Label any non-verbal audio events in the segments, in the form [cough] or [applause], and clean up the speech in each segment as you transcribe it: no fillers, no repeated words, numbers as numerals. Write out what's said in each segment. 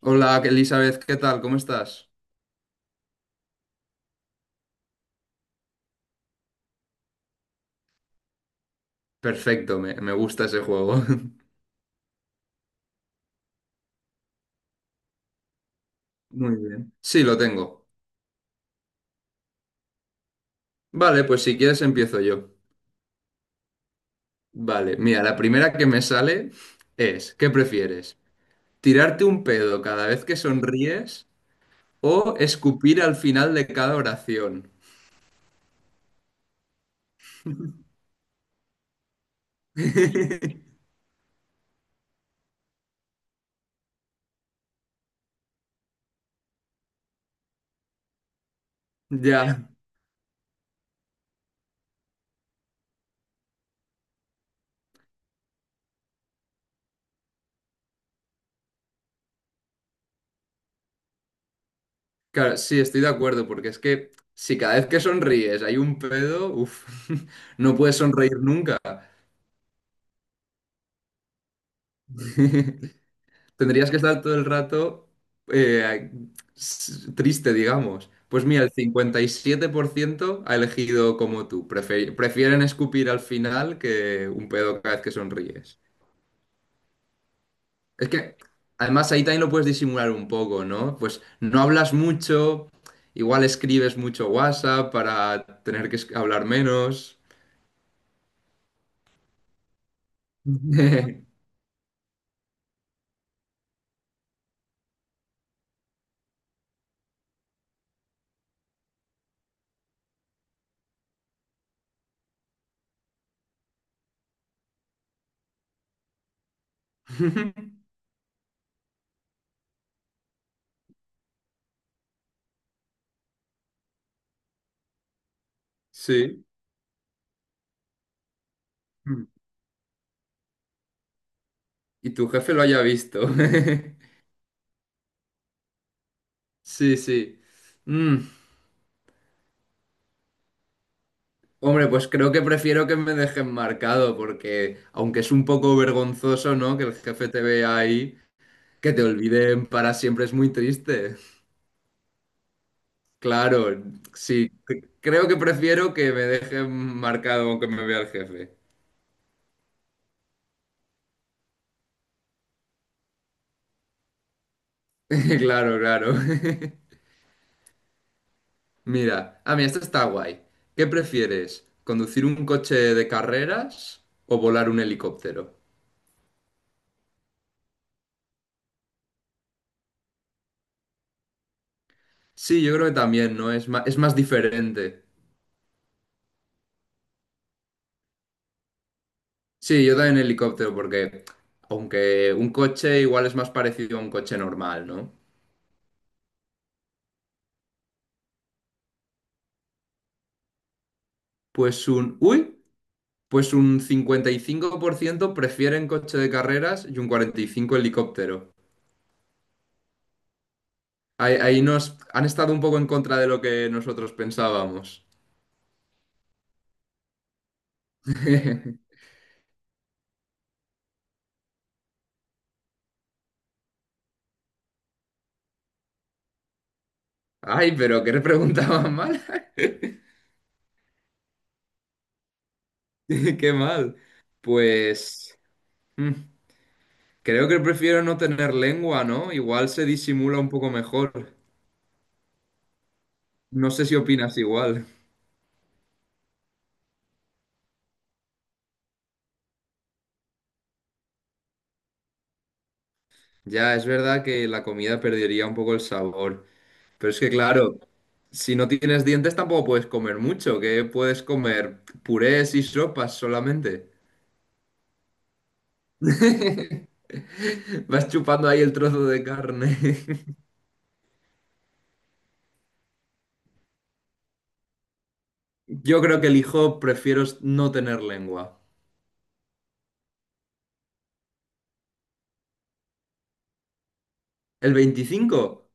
Hola Elizabeth, ¿qué tal? ¿Cómo estás? Perfecto, me gusta ese juego. [laughs] Muy bien. Sí, lo tengo. Vale, pues si quieres empiezo yo. Vale, mira, la primera que me sale es, ¿qué prefieres? ¿Tirarte un pedo cada vez que sonríes o escupir al final de cada oración? [laughs] Ya, claro, sí, estoy de acuerdo, porque es que si cada vez que sonríes hay un pedo, uff, [laughs] no puedes sonreír nunca. [laughs] Tendrías que estar todo el rato eh, s- triste, digamos. Pues mira, el 57% ha elegido como tú. Prefe- prefieren escupir al final que un pedo cada vez que sonríes. Es que, además, ahí también lo puedes disimular un poco, ¿no? Pues no hablas mucho, igual escribes mucho WhatsApp para tener que es- hablar menos. [laughs] Sí. Y tu jefe lo haya visto. [laughs] Sí, sí. Mm. Hombre, pues creo que prefiero que me dejen marcado, porque aunque es un poco vergonzoso, ¿no? Que el jefe te vea ahí, que te olviden para siempre es muy triste. Claro, sí, c- creo que prefiero que me dejen marcado aunque me vea el jefe. [laughs] Claro, claro. [laughs] Mira, ah, mira, esto está guay. ¿Qué prefieres? ¿Conducir un coche de carreras o volar un helicóptero? Sí, yo creo que también, ¿no? Es más diferente. Sí, yo también helicóptero, porque aunque un coche igual es más parecido a un coche normal, ¿no? Pues un, uy, pues un 55% prefieren coche de carreras y un 45% helicóptero. Ahí, ahí nos han estado un poco en contra de lo que nosotros pensábamos. [laughs] Ay, pero ¿qué le preguntaban mal? [laughs] Qué mal. Pues mm, creo que prefiero no tener lengua, ¿no? Igual se disimula un poco mejor. No sé si opinas igual. Ya, es verdad que la comida perdería un poco el sabor, pero es que claro, si no tienes dientes tampoco puedes comer mucho, que puedes comer purés y sopas solamente. [laughs] Vas chupando ahí el trozo de carne. [laughs] Yo creo que elijo, prefiero no tener lengua. ¿El 25,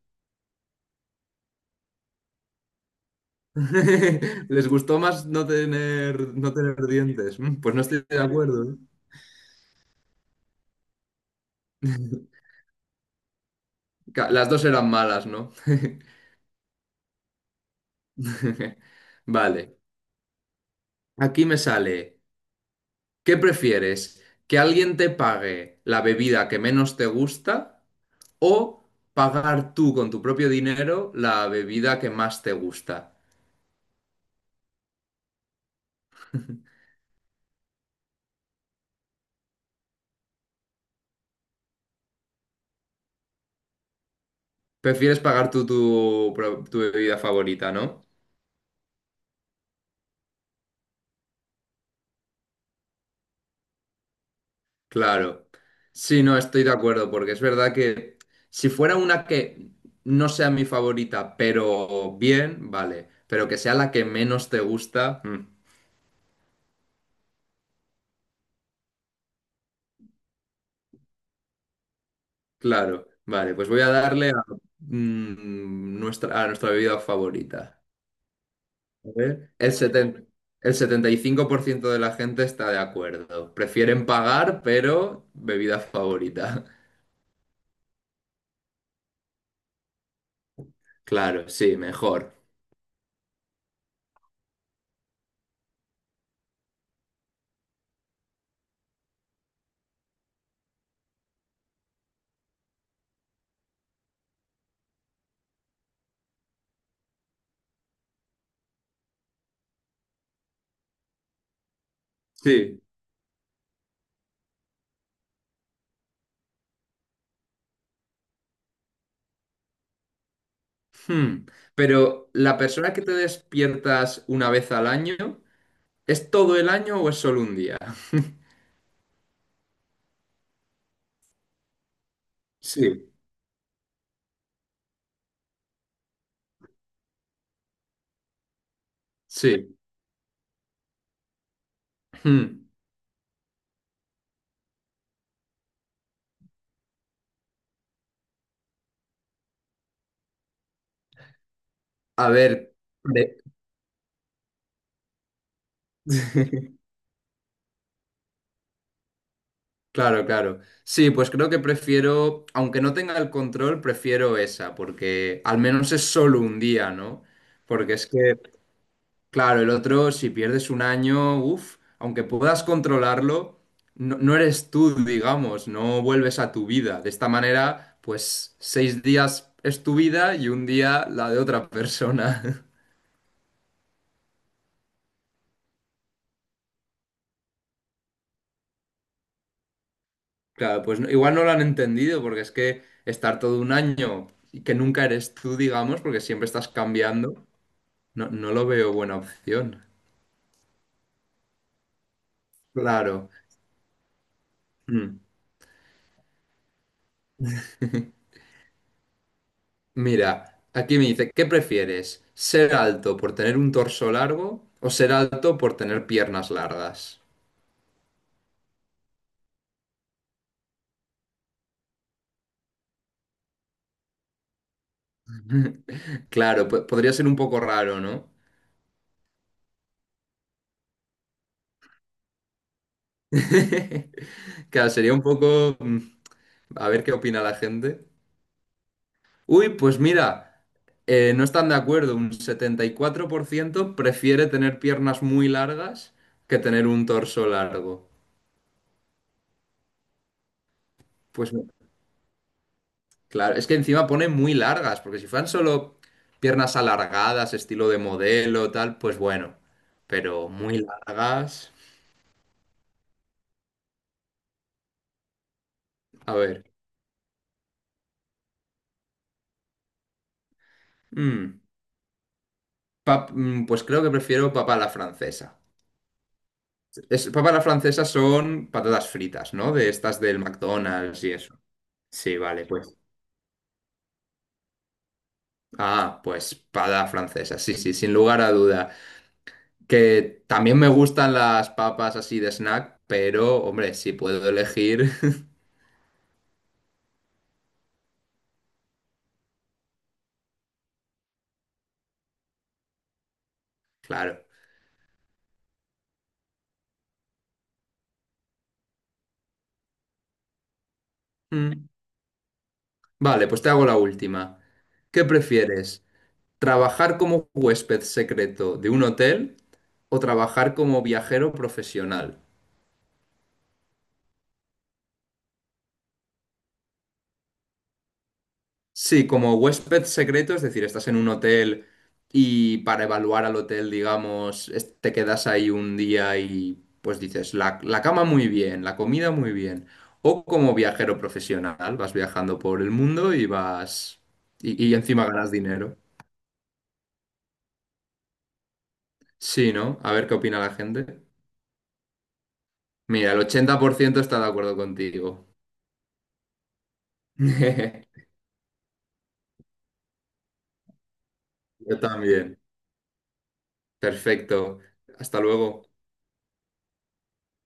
[laughs] ¿Les gustó más no tener, no tener dientes? Mm, pues no estoy de acuerdo. ¿Eh? Ca- Las dos eran malas, ¿no? [laughs] Vale. Aquí me sale. ¿Qué prefieres? ¿Que alguien te pague la bebida que menos te gusta o pagar tú con tu propio dinero la bebida que más te gusta? Prefieres pagar tú tu, pro- tu bebida favorita, ¿no? Claro. Sí, no, estoy de acuerdo, porque es verdad que si fuera una que no sea mi favorita, pero bien, vale, pero que sea la que menos te gusta, claro, vale, pues voy a darle a, nuestra, a nuestra bebida favorita. A ver, el seten- el 75% de la gente está de acuerdo. Prefieren pagar, pero bebida favorita. [laughs] Claro, sí, mejor. Sí. Hmm. Pero ¿la persona que te despiertas una vez al año, es todo el año o es solo un día? [laughs] Sí, sí. Hmm. A ver, de- [laughs] Claro, claro. Sí, pues creo que prefiero, aunque no tenga el control, prefiero esa, porque al menos es solo un día, ¿no? Porque es que claro, el otro, si pierdes un año, uff, aunque puedas controlarlo, no, no eres tú, digamos, no vuelves a tu vida. De esta manera, pues seis días es tu vida y un día la de otra persona. [laughs] Claro, pues no- igual no lo han entendido, porque es que estar todo un año y que nunca eres tú, digamos, porque siempre estás cambiando, no, no lo veo buena opción. Claro. Mm. Mira, aquí me dice, ¿qué prefieres? ¿Ser alto por tener un torso largo o ser alto por tener piernas largas? Claro, po- podría ser un poco raro, ¿no? [laughs] Claro, sería un poco... mm, a ver qué opina la gente. Uy, pues mira, no están de acuerdo. Un 74% prefiere tener piernas muy largas que tener un torso largo. Pues claro, es que encima pone muy largas, porque si fueran solo piernas alargadas, estilo de modelo, tal, pues bueno. Pero muy largas. A ver. Mm, pap- mm, pues creo que prefiero papa a la francesa. Es, papa a la francesa son patatas fritas, ¿no? De estas del McDonald's y eso. Sí, vale, pues. Ah, pues papa francesa, sí, sí, sin lugar a duda. Que también me gustan las papas así de snack, pero hombre, si puedo elegir, [laughs] claro. Mm. Vale, pues te hago la última. ¿Qué prefieres? ¿Trabajar como huésped secreto de un hotel o trabajar como viajero profesional? Sí, como huésped secreto, es decir, estás en un hotel y para evaluar al hotel, digamos, es- te quedas ahí un día y pues dices, la cama muy bien, la comida muy bien. O como viajero profesional, vas viajando por el mundo y vas... y encima ganas dinero. Sí, ¿no? A ver qué opina la gente. Mira, el 80% está de acuerdo contigo. [laughs] Yo también. Perfecto. Hasta luego.